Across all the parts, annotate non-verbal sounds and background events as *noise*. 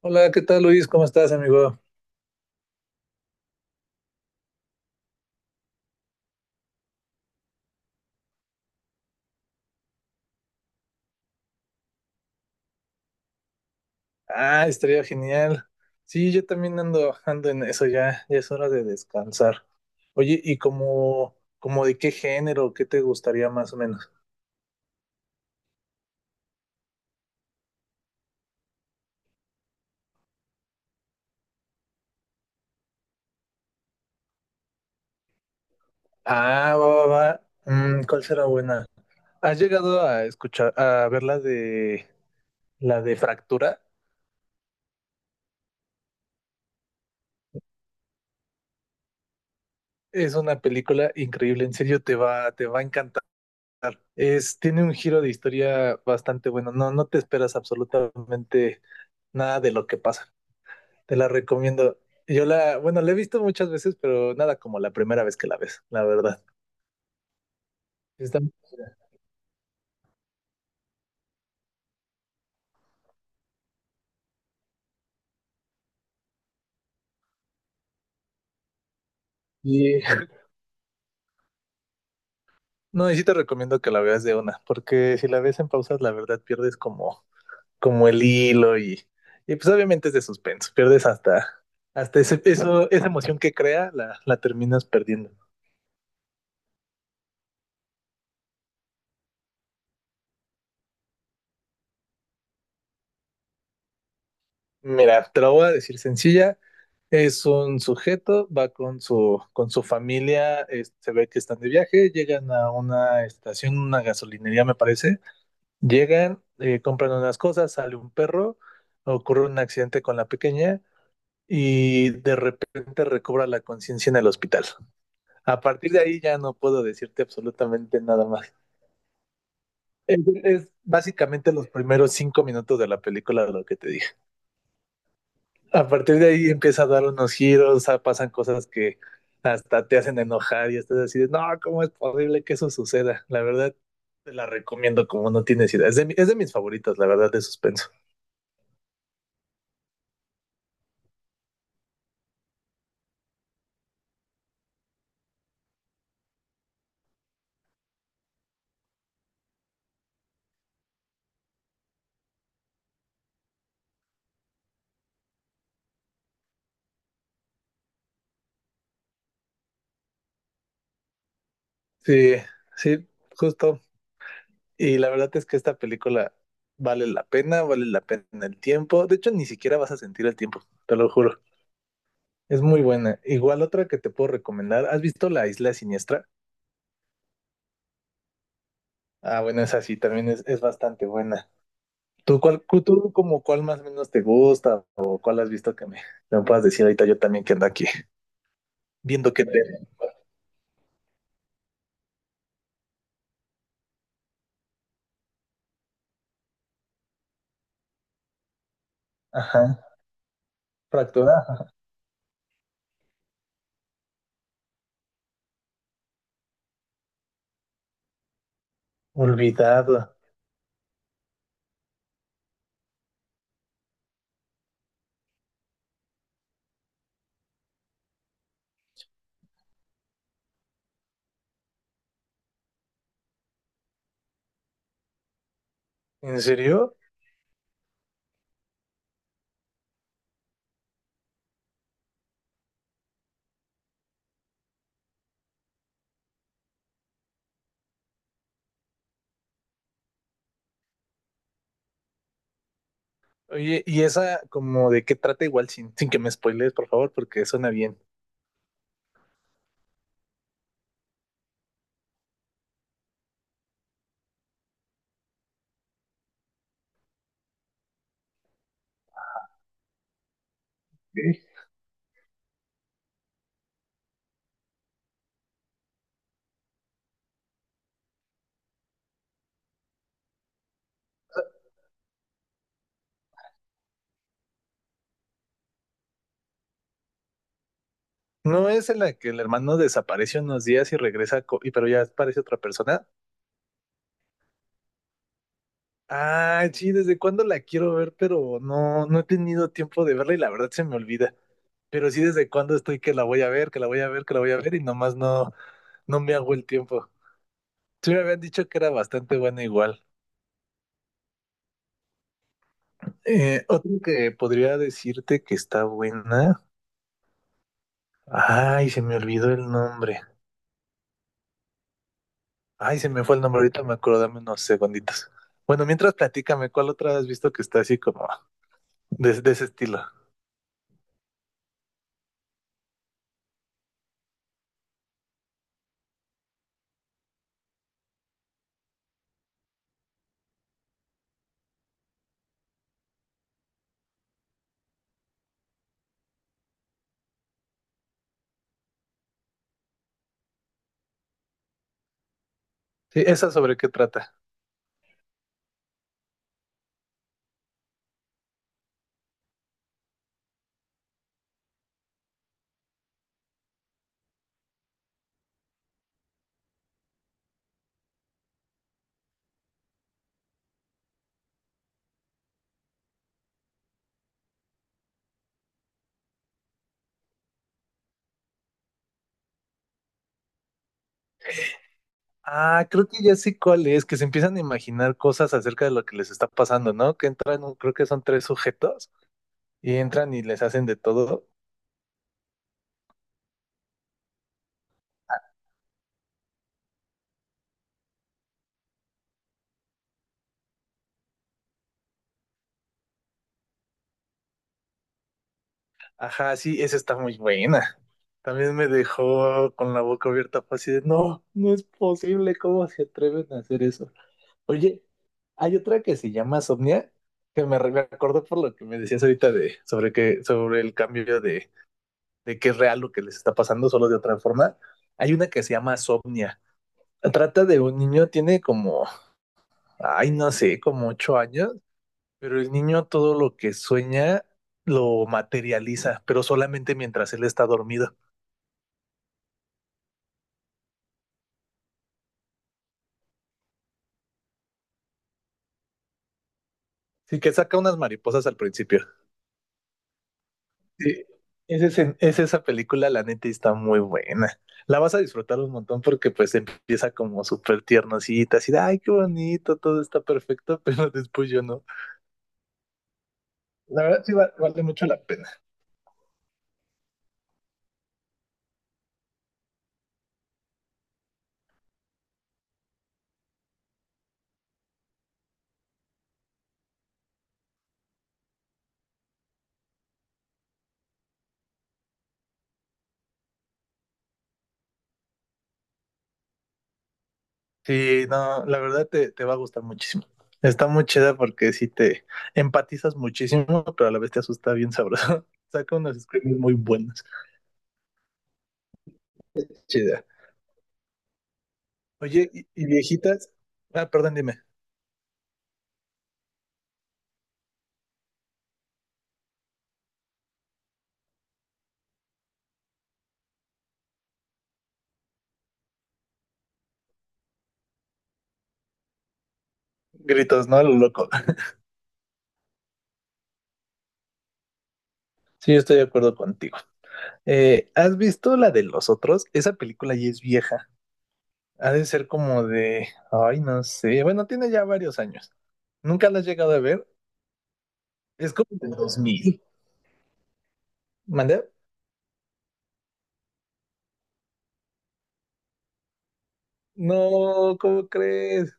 Hola, ¿qué tal Luis? ¿Cómo estás, amigo? Ah, estaría genial. Sí, yo también ando en eso ya, ya es hora de descansar. Oye, ¿y como de qué género, qué te gustaría más o menos? Ah, va, va, va. Mm, ¿cuál será buena? ¿Has llegado a escuchar, a ver la de Fractura? Es una película increíble, en serio te va a encantar. Es, tiene un giro. Te la recomiendo. La he visto muchas veces, pero nada como la primera vez que la ves, la verdad. Está muy chida. Y- *laughs* no, y sí te recomiendo que la veas de una, porque si la ves en pausas, la verdad pierdes como el hilo y pues obviamente es de suspenso, hasta esa emoción que crea, la terminas perdiendo. Mira, te lo voy a decir sencilla. Es un sujeto, va con su familia, se ve que están de viaje, llegan a una estación, una gasolinería me parece, llegan, compran unas cosas, sale un perro, ocurre un accidente con la pequeña y de repente recobra la conciencia en el hospital. A partir de ahí ya no puedo decirte absolutamente nada más. Es, es básicamente los primeros 5 minutos de la película lo que te dije. A partir de ahí empieza a dar unos giros, ah, pasan cosas que hasta te hacen enojar y estás así de, no, ¿cómo es posible que eso suceda? La verdad, te la recomiendo como no tienes idea. Es es de mis favoritas, la verdad, de suspenso. Sí, sí, justo. Y la verdad es que esta película vale la pena el tiempo. De hecho, ni siquiera vas a sentir el tiempo, te lo juro. Es muy buena. Igual otra que te puedo recomendar. ¿Has visto La Isla Siniestra? Ah, bueno, esa sí, también es bastante buena. ¿Tú, tú como cuál más o menos te gusta o cuál has visto que me puedas decir ahorita yo también que ando aquí viendo que te... Ajá, fractura. Ajá. Olvidado. ¿En serio? Oye, ¿y esa como de qué trata igual sin que me spoilees, por favor, porque suena bien? Ok. ¿No es en la que el hermano desaparece unos días y regresa, pero ya aparece otra persona? Ah, sí, desde cuándo la quiero ver, pero no he tenido tiempo de verla y la verdad se me olvida. Pero sí, desde cuándo estoy que la voy a ver, que la voy a ver, que la voy a ver y nomás no, no me hago el tiempo. Sí me habían dicho que era bastante buena igual. Otro que podría decirte que está buena. Ay, se me olvidó el nombre. Ay, se me fue el nombre, ahorita me acuerdo, dame unos segunditos. Bueno, mientras platícame, ¿cuál otra has visto que está así como de ese estilo? Sí, ¿esa sobre qué trata? Ah, creo que ya sé cuál es, que se empiezan a imaginar cosas acerca de lo que les está pasando, ¿no? Que entran, creo que son tres sujetos y entran y les hacen de todo. Ajá, sí, esa está muy buena. También me dejó con la boca abierta, fue así de, no, no es posible, ¿cómo se atreven a hacer eso? Oye, hay otra que se llama Somnia, que me acordó por lo que me decías ahorita sobre sobre el cambio de que es real lo que les está pasando, solo de otra forma. Hay una que se llama Somnia. Trata de un niño, tiene como, ay, no sé, como 8 años, pero el niño todo lo que sueña lo materializa, pero solamente mientras él está dormido. Sí, que saca unas mariposas al principio. Sí, es esa película, la neta, y está muy buena. La vas a disfrutar un montón porque pues empieza como súper tiernosita, así de, ay, qué bonito, todo está perfecto, *laughs* pero después yo no. La verdad vale mucho la pena. Sí, no, la verdad te va a gustar muchísimo. Está muy chida porque sí te empatizas muchísimo, pero a la vez te asusta bien sabroso. *laughs* Saca unas screams muy buenas. Chida. Oye, y viejitas. Ah, perdón, dime. Gritos, ¿no? A lo loco. *laughs* Sí, yo estoy de acuerdo contigo. ¿Has visto la de los otros? Esa película ya es vieja. Ha de ser como de. Ay, no sé. Bueno, tiene ya varios años. ¿Nunca la has llegado a ver? Es como del 2000. ¿Mande? No, ¿cómo crees?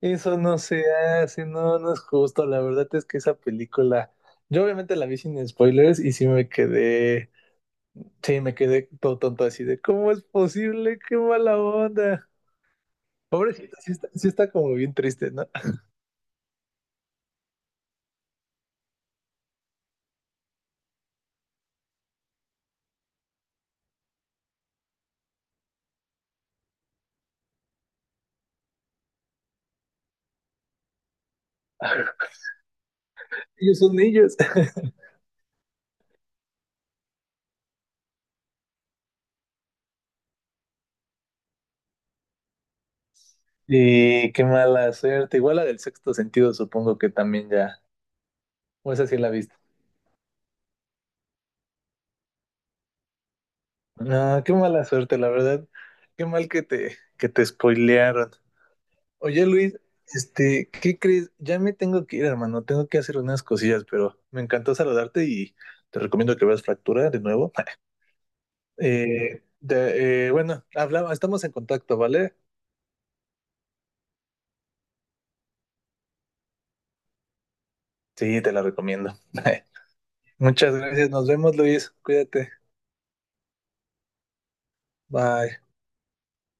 Eso no se hace, no, no es justo. La verdad es que esa película, yo obviamente la vi sin spoilers y sí me quedé todo tonto así de, ¿cómo es posible? ¡Qué mala onda! Pobrecita, sí está como bien triste, ¿no? *laughs* Ellos son niños. *laughs* Y qué mala suerte. Igual la del sexto sentido, supongo que también ya, o esa sí la viste. No, qué mala suerte, la verdad. Qué mal que te spoilearon. Oye, Luis, este, ¿qué crees? Ya me tengo que ir, hermano. Tengo que hacer unas cosillas, pero me encantó saludarte y te recomiendo que veas Fractura de nuevo. Bueno, hablamos, estamos en contacto, ¿vale? Sí, te la recomiendo. *laughs* Muchas gracias. Nos vemos, Luis. Cuídate. Bye.